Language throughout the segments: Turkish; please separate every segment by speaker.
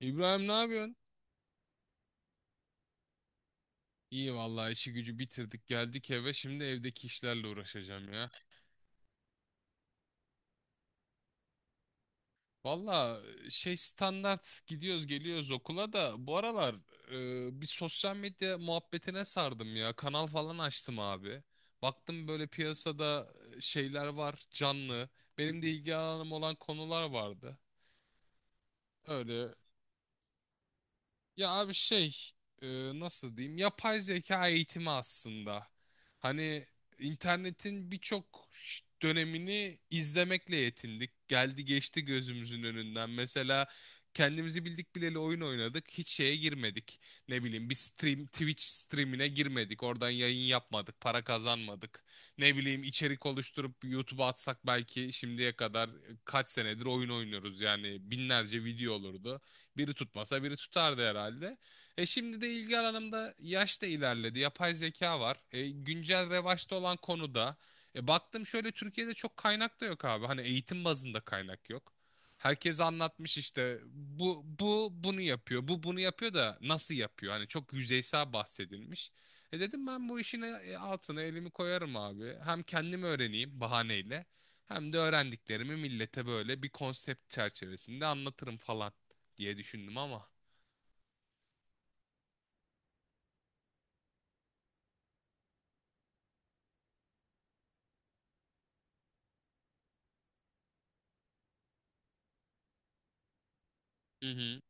Speaker 1: İbrahim ne yapıyorsun? İyi vallahi işi gücü bitirdik geldik eve şimdi evdeki işlerle uğraşacağım ya. Valla şey standart gidiyoruz geliyoruz okula da bu aralar bir sosyal medya muhabbetine sardım ya. Kanal falan açtım abi. Baktım böyle piyasada şeyler var canlı. Benim de ilgi alanım olan konular vardı. Öyle. Ya abi şey e, nasıl diyeyim yapay zeka eğitimi aslında. Hani internetin birçok dönemini izlemekle yetindik. Geldi geçti gözümüzün önünden. Mesela kendimizi bildik bileli oyun oynadık. Hiç şeye girmedik. Ne bileyim bir stream Twitch streamine girmedik. Oradan yayın yapmadık. Para kazanmadık. Ne bileyim içerik oluşturup YouTube'a atsak belki şimdiye kadar kaç senedir oyun oynuyoruz. Yani binlerce video olurdu. Biri tutmasa biri tutardı herhalde. E şimdi de ilgi alanımda yaş da ilerledi. Yapay zeka var. Güncel revaçta olan konuda. Baktım şöyle Türkiye'de çok kaynak da yok abi. Hani eğitim bazında kaynak yok. Herkes anlatmış işte bu bu bunu yapıyor. Bu bunu yapıyor da nasıl yapıyor? Hani çok yüzeysel bahsedilmiş. E dedim ben bu işin altına elimi koyarım abi. Hem kendim öğreneyim bahaneyle. Hem de öğrendiklerimi millete böyle bir konsept çerçevesinde anlatırım falan diye düşündüm ama. Hı hı.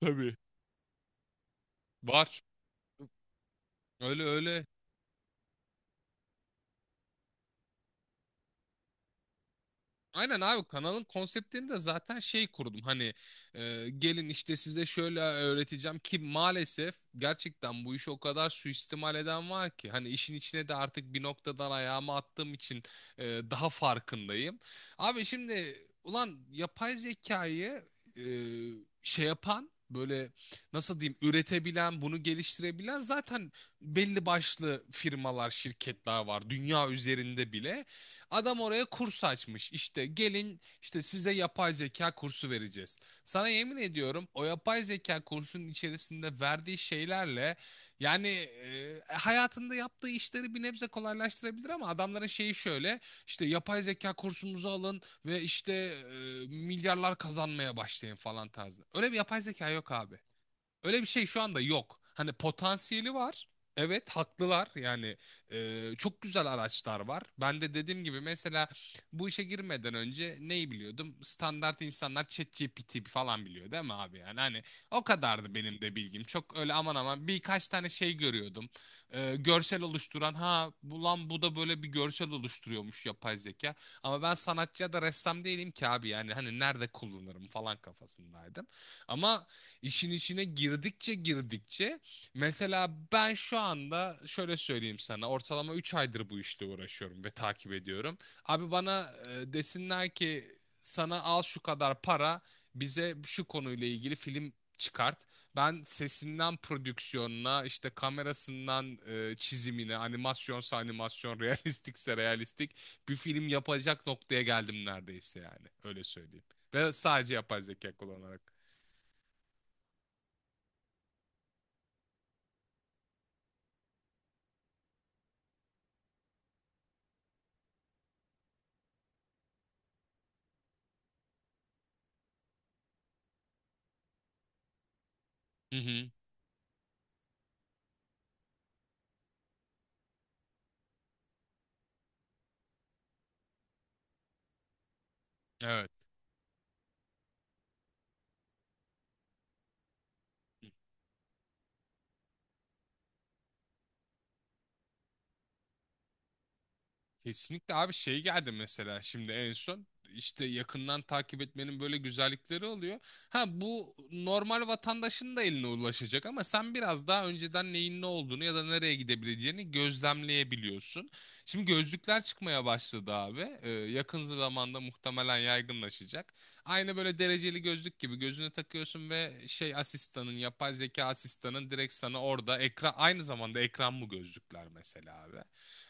Speaker 1: Tabii. Var. Öyle öyle. Aynen abi kanalın konseptini de zaten şey kurdum hani gelin işte size şöyle öğreteceğim ki maalesef gerçekten bu işi o kadar suistimal eden var ki hani işin içine de artık bir noktadan ayağımı attığım için e, daha farkındayım. Abi şimdi ulan yapay zekayı e, şey yapan böyle nasıl diyeyim üretebilen bunu geliştirebilen zaten belli başlı firmalar şirketler var dünya üzerinde bile. Adam oraya kurs açmış. İşte gelin işte size yapay zeka kursu vereceğiz. Sana yemin ediyorum o yapay zeka kursunun içerisinde verdiği şeylerle yani hayatında yaptığı işleri bir nebze kolaylaştırabilir ama adamların şeyi şöyle işte yapay zeka kursumuzu alın ve işte milyarlar kazanmaya başlayın falan tarzı. Öyle bir yapay zeka yok abi. Öyle bir şey şu anda yok. Hani potansiyeli var. Evet haklılar yani çok güzel araçlar var. Ben de dediğim gibi mesela bu işe girmeden önce neyi biliyordum? Standart insanlar ChatGPT falan biliyor değil mi abi yani? Hani o kadardı benim de bilgim. Çok öyle aman aman birkaç tane şey görüyordum. Görsel oluşturan ha bu lan bu da böyle bir görsel oluşturuyormuş yapay zeka. Ama ben sanatçı ya da ressam değilim ki abi yani hani nerede kullanırım falan kafasındaydım. Ama İşin içine girdikçe girdikçe mesela ben şu anda şöyle söyleyeyim sana ortalama 3 aydır bu işle uğraşıyorum ve takip ediyorum. Abi bana desinler ki sana al şu kadar para bize şu konuyla ilgili film çıkart. Ben sesinden prodüksiyonuna işte kamerasından çizimine animasyonsa animasyon realistikse realistik bir film yapacak noktaya geldim neredeyse yani öyle söyleyeyim. Ve sadece yapay zeka kullanarak. Hı hı. Evet. Kesinlikle abi şey geldi mesela şimdi en son işte yakından takip etmenin böyle güzellikleri oluyor. Ha bu normal vatandaşın da eline ulaşacak ama sen biraz daha önceden neyin ne olduğunu ya da nereye gidebileceğini gözlemleyebiliyorsun. Şimdi gözlükler çıkmaya başladı abi. Yakın zamanda muhtemelen yaygınlaşacak. Aynı böyle dereceli gözlük gibi gözüne takıyorsun ve şey asistanın yapay zeka asistanın direkt sana orada ekran aynı zamanda ekran bu gözlükler mesela abi.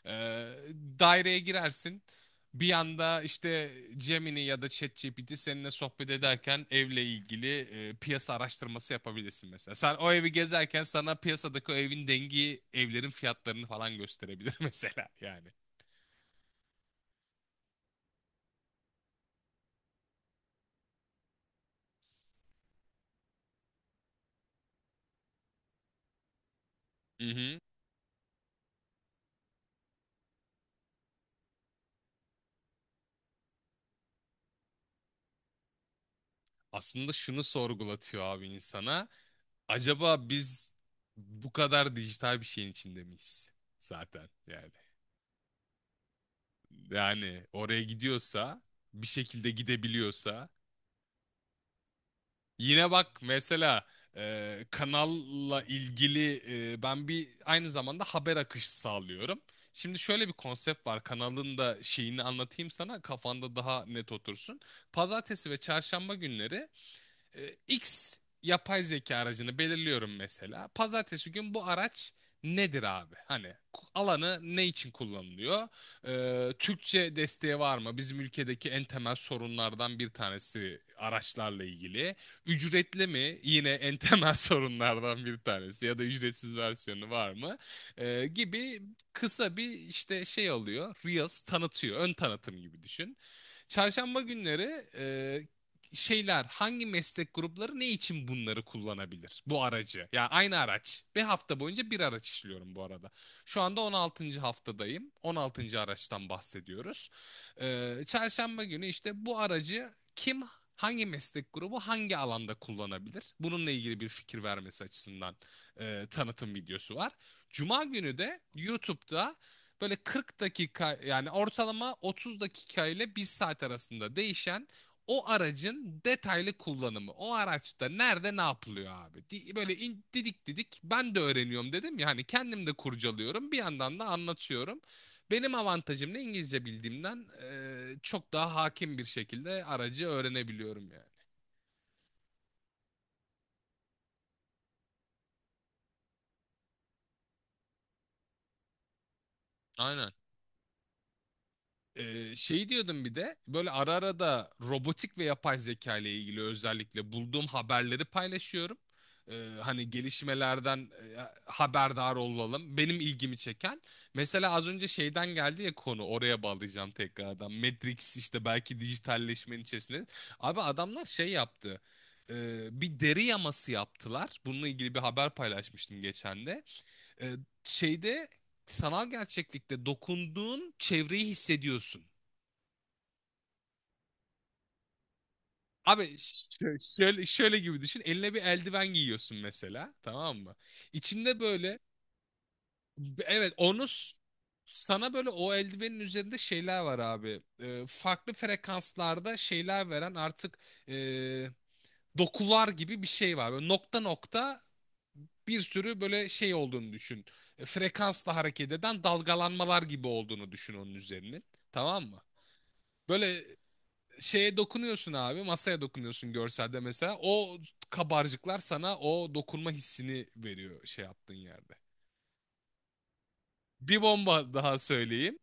Speaker 1: Ee, daireye girersin. Bir yanda işte Gemini ya da ChatGPT seninle sohbet ederken evle ilgili piyasa araştırması yapabilirsin mesela. Sen o evi gezerken sana piyasadaki o evin dengi evlerin fiyatlarını falan gösterebilir mesela yani. Hı hı. Aslında şunu sorgulatıyor abi insana. Acaba biz bu kadar dijital bir şeyin içinde miyiz zaten yani? Yani oraya gidiyorsa bir şekilde gidebiliyorsa yine bak mesela kanalla ilgili ben bir aynı zamanda haber akışı sağlıyorum. Şimdi şöyle bir konsept var. Kanalın da şeyini anlatayım sana kafanda daha net otursun. Pazartesi ve çarşamba günleri X yapay zeka aracını belirliyorum mesela. Pazartesi gün bu araç nedir abi? Hani alanı ne için kullanılıyor? Türkçe desteği var mı? Bizim ülkedeki en temel sorunlardan bir tanesi araçlarla ilgili. Ücretli mi? Yine en temel sorunlardan bir tanesi ya da ücretsiz versiyonu var mı? Gibi kısa bir işte şey alıyor. Reels tanıtıyor. Ön tanıtım gibi düşün. Çarşamba günleri şeyler hangi meslek grupları ne için bunları kullanabilir? Bu aracı. Ya aynı araç. Bir hafta boyunca bir araç işliyorum bu arada. Şu anda 16. haftadayım. 16. araçtan bahsediyoruz. Çarşamba günü işte bu aracı kim hangi meslek grubu hangi alanda kullanabilir? Bununla ilgili bir fikir vermesi açısından tanıtım videosu var. Cuma günü de YouTube'da böyle 40 dakika yani ortalama 30 dakika ile 1 saat arasında değişen o aracın detaylı kullanımı. O araçta nerede ne yapılıyor abi? Böyle didik didik ben de öğreniyorum dedim ya hani kendim de kurcalıyorum bir yandan da anlatıyorum. Benim avantajım ne İngilizce bildiğimden çok daha hakim bir şekilde aracı öğrenebiliyorum yani. Aynen. Şey diyordum bir de böyle ara ara da robotik ve yapay zeka ile ilgili özellikle bulduğum haberleri paylaşıyorum. Ee, hani gelişmelerden haberdar olalım. Benim ilgimi çeken. Mesela az önce şeyden geldi ya konu oraya bağlayacağım tekrardan. Matrix işte belki dijitalleşmenin içerisinde. Abi adamlar şey yaptı. Bir deri yaması yaptılar. Bununla ilgili bir haber paylaşmıştım geçen de. Ee, şeyde sanal gerçeklikte dokunduğun çevreyi hissediyorsun. Abi şöyle gibi düşün. Eline bir eldiven giyiyorsun mesela. Tamam mı? İçinde böyle evet, onu sana böyle o eldivenin üzerinde şeyler var abi. Farklı frekanslarda şeyler veren artık ee, dokular gibi bir şey var. Böyle nokta nokta bir sürü böyle şey olduğunu düşün. Frekansla hareket eden dalgalanmalar gibi olduğunu düşün onun üzerinin. Tamam mı? Böyle şeye dokunuyorsun abi, masaya dokunuyorsun görselde mesela, o kabarcıklar sana o dokunma hissini veriyor şey yaptığın yerde. Bir bomba daha söyleyeyim.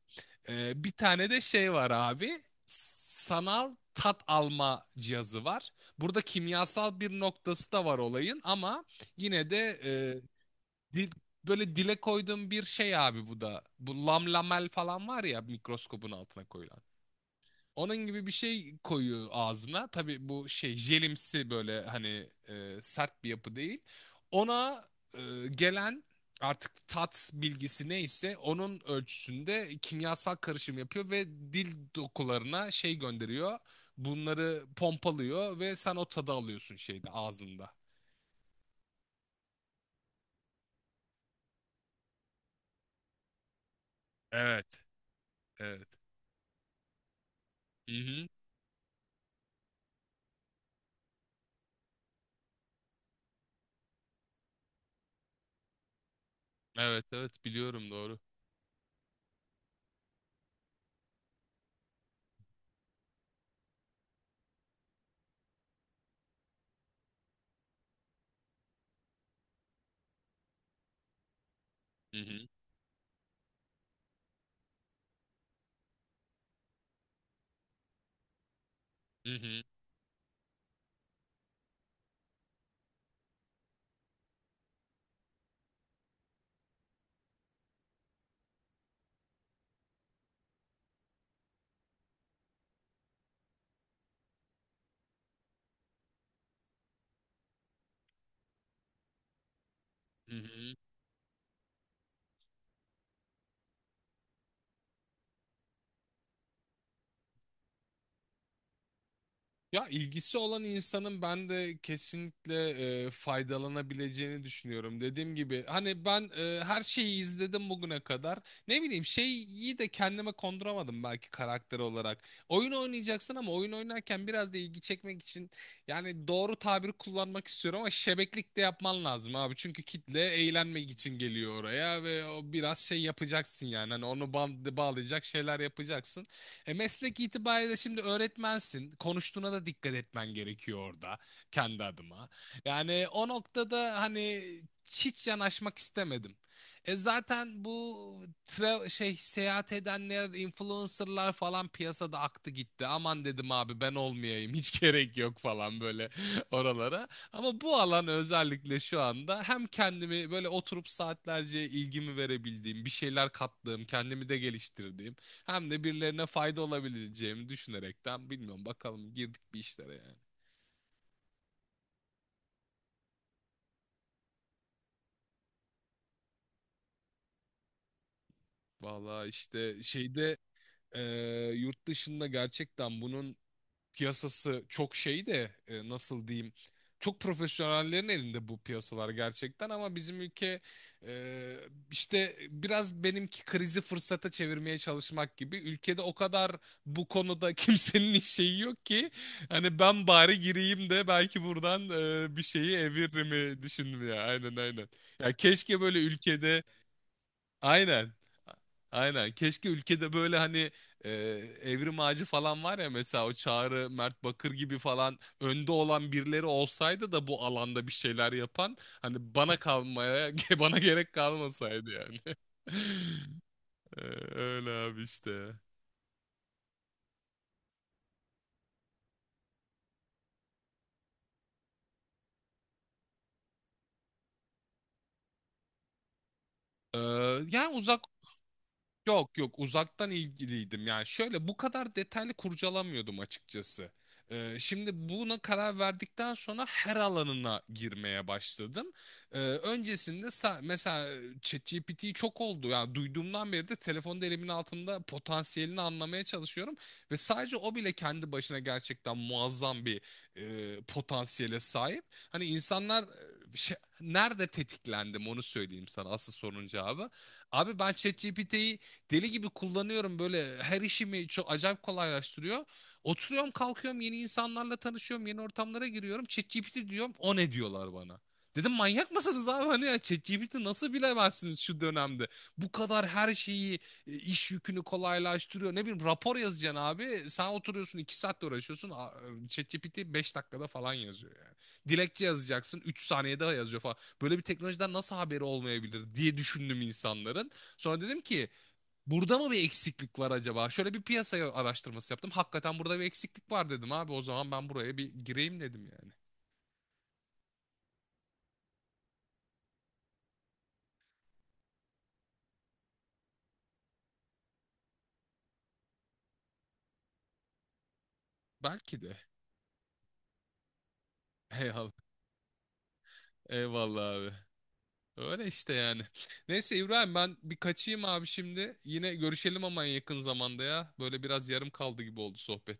Speaker 1: Bir tane de şey var abi, sanal tat alma cihazı var. Burada kimyasal bir noktası da var olayın ama yine de dil- böyle dile koyduğum bir şey abi bu da. Bu lamlamel falan var ya mikroskopun altına koyulan. Onun gibi bir şey koyuyor ağzına. Tabii bu şey jelimsi böyle hani sert bir yapı değil. Ona e, gelen artık tat bilgisi neyse onun ölçüsünde kimyasal karışım yapıyor ve dil dokularına şey gönderiyor. Bunları pompalıyor ve sen o tadı alıyorsun şeyde ağzında. Evet, evet. Hı hı. Evet, evet biliyorum doğru. Hı hı. Hı hı. Hı hı. Ya ilgisi olan insanın ben de kesinlikle faydalanabileceğini düşünüyorum. Dediğim gibi hani ben her şeyi izledim bugüne kadar. Ne bileyim şeyi de kendime konduramadım belki karakter olarak. Oyun oynayacaksın ama oyun oynarken biraz da ilgi çekmek için yani doğru tabiri kullanmak istiyorum ama şebeklik de yapman lazım abi. Çünkü kitle eğlenmek için geliyor oraya ve o biraz şey yapacaksın yani. Hani onu bağlayacak şeyler yapacaksın. E meslek itibariyle şimdi öğretmensin. Konuştuğuna da dikkat etmen gerekiyor orada kendi adıma. Yani o noktada hani hiç yanaşmak istemedim. E zaten bu seyahat edenler, influencerlar falan piyasada aktı gitti. Aman dedim abi ben olmayayım. Hiç gerek yok falan böyle oralara. Ama bu alan özellikle şu anda hem kendimi böyle oturup saatlerce ilgimi verebildiğim, bir şeyler kattığım, kendimi de geliştirdiğim hem de birilerine fayda olabileceğimi düşünerekten bilmiyorum, bakalım girdik bir işlere yani. Valla işte şeyde yurt dışında gerçekten bunun piyasası çok şey de nasıl diyeyim çok profesyonellerin elinde bu piyasalar gerçekten, ama bizim ülke e, işte biraz benimki krizi fırsata çevirmeye çalışmak gibi, ülkede o kadar bu konuda kimsenin şeyi yok ki hani ben bari gireyim de belki buradan bir şeyi eviririm mi düşündüm ya. Aynen aynen. Ya keşke böyle ülkede. Aynen. Aynen. Keşke ülkede böyle hani e, Evrim Ağacı falan var ya mesela, o Çağrı, Mert Bakır gibi falan önde olan birileri olsaydı da bu alanda bir şeyler yapan hani bana kalmaya bana gerek kalmasaydı yani. E, Öyle abi işte. E, yani uzak Yok, yok, uzaktan ilgiliydim. Yani şöyle bu kadar detaylı kurcalamıyordum açıkçası. Şimdi buna karar verdikten sonra her alanına girmeye başladım. Öncesinde mesela ChatGPT çok oldu. Yani duyduğumdan beri de telefonda elimin altında potansiyelini anlamaya çalışıyorum. Ve sadece o bile kendi başına gerçekten muazzam bir potansiyele sahip. Hani insanlar nerede tetiklendim onu söyleyeyim sana asıl sorunun cevabı. Abi ben ChatGPT'yi deli gibi kullanıyorum böyle, her işimi çok acayip kolaylaştırıyor. Oturuyorum kalkıyorum yeni insanlarla tanışıyorum yeni ortamlara giriyorum. ChatGPT diyorum, o ne diyorlar bana. Dedim manyak mısınız abi hani ya, ChatGPT nasıl bilemezsiniz şu dönemde. Bu kadar her şeyi iş yükünü kolaylaştırıyor. Ne bileyim rapor yazacaksın abi sen oturuyorsun 2 saatte uğraşıyorsun. ChatGPT 5 dakikada falan yazıyor yani. Dilekçe yazacaksın 3 saniyede yazıyor falan. Böyle bir teknolojiden nasıl haberi olmayabilir diye düşündüm insanların. Sonra dedim ki burada mı bir eksiklik var acaba? Şöyle bir piyasaya araştırması yaptım. Hakikaten burada bir eksiklik var dedim abi. O zaman ben buraya bir gireyim dedim yani. Belki de. Eyvallah. Eyvallah abi. Öyle işte yani. Neyse İbrahim ben bir kaçayım abi şimdi. Yine görüşelim ama en yakın zamanda ya. Böyle biraz yarım kaldı gibi oldu sohbet.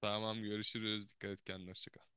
Speaker 1: Tamam görüşürüz. Dikkat et kendine. Hoşça kal.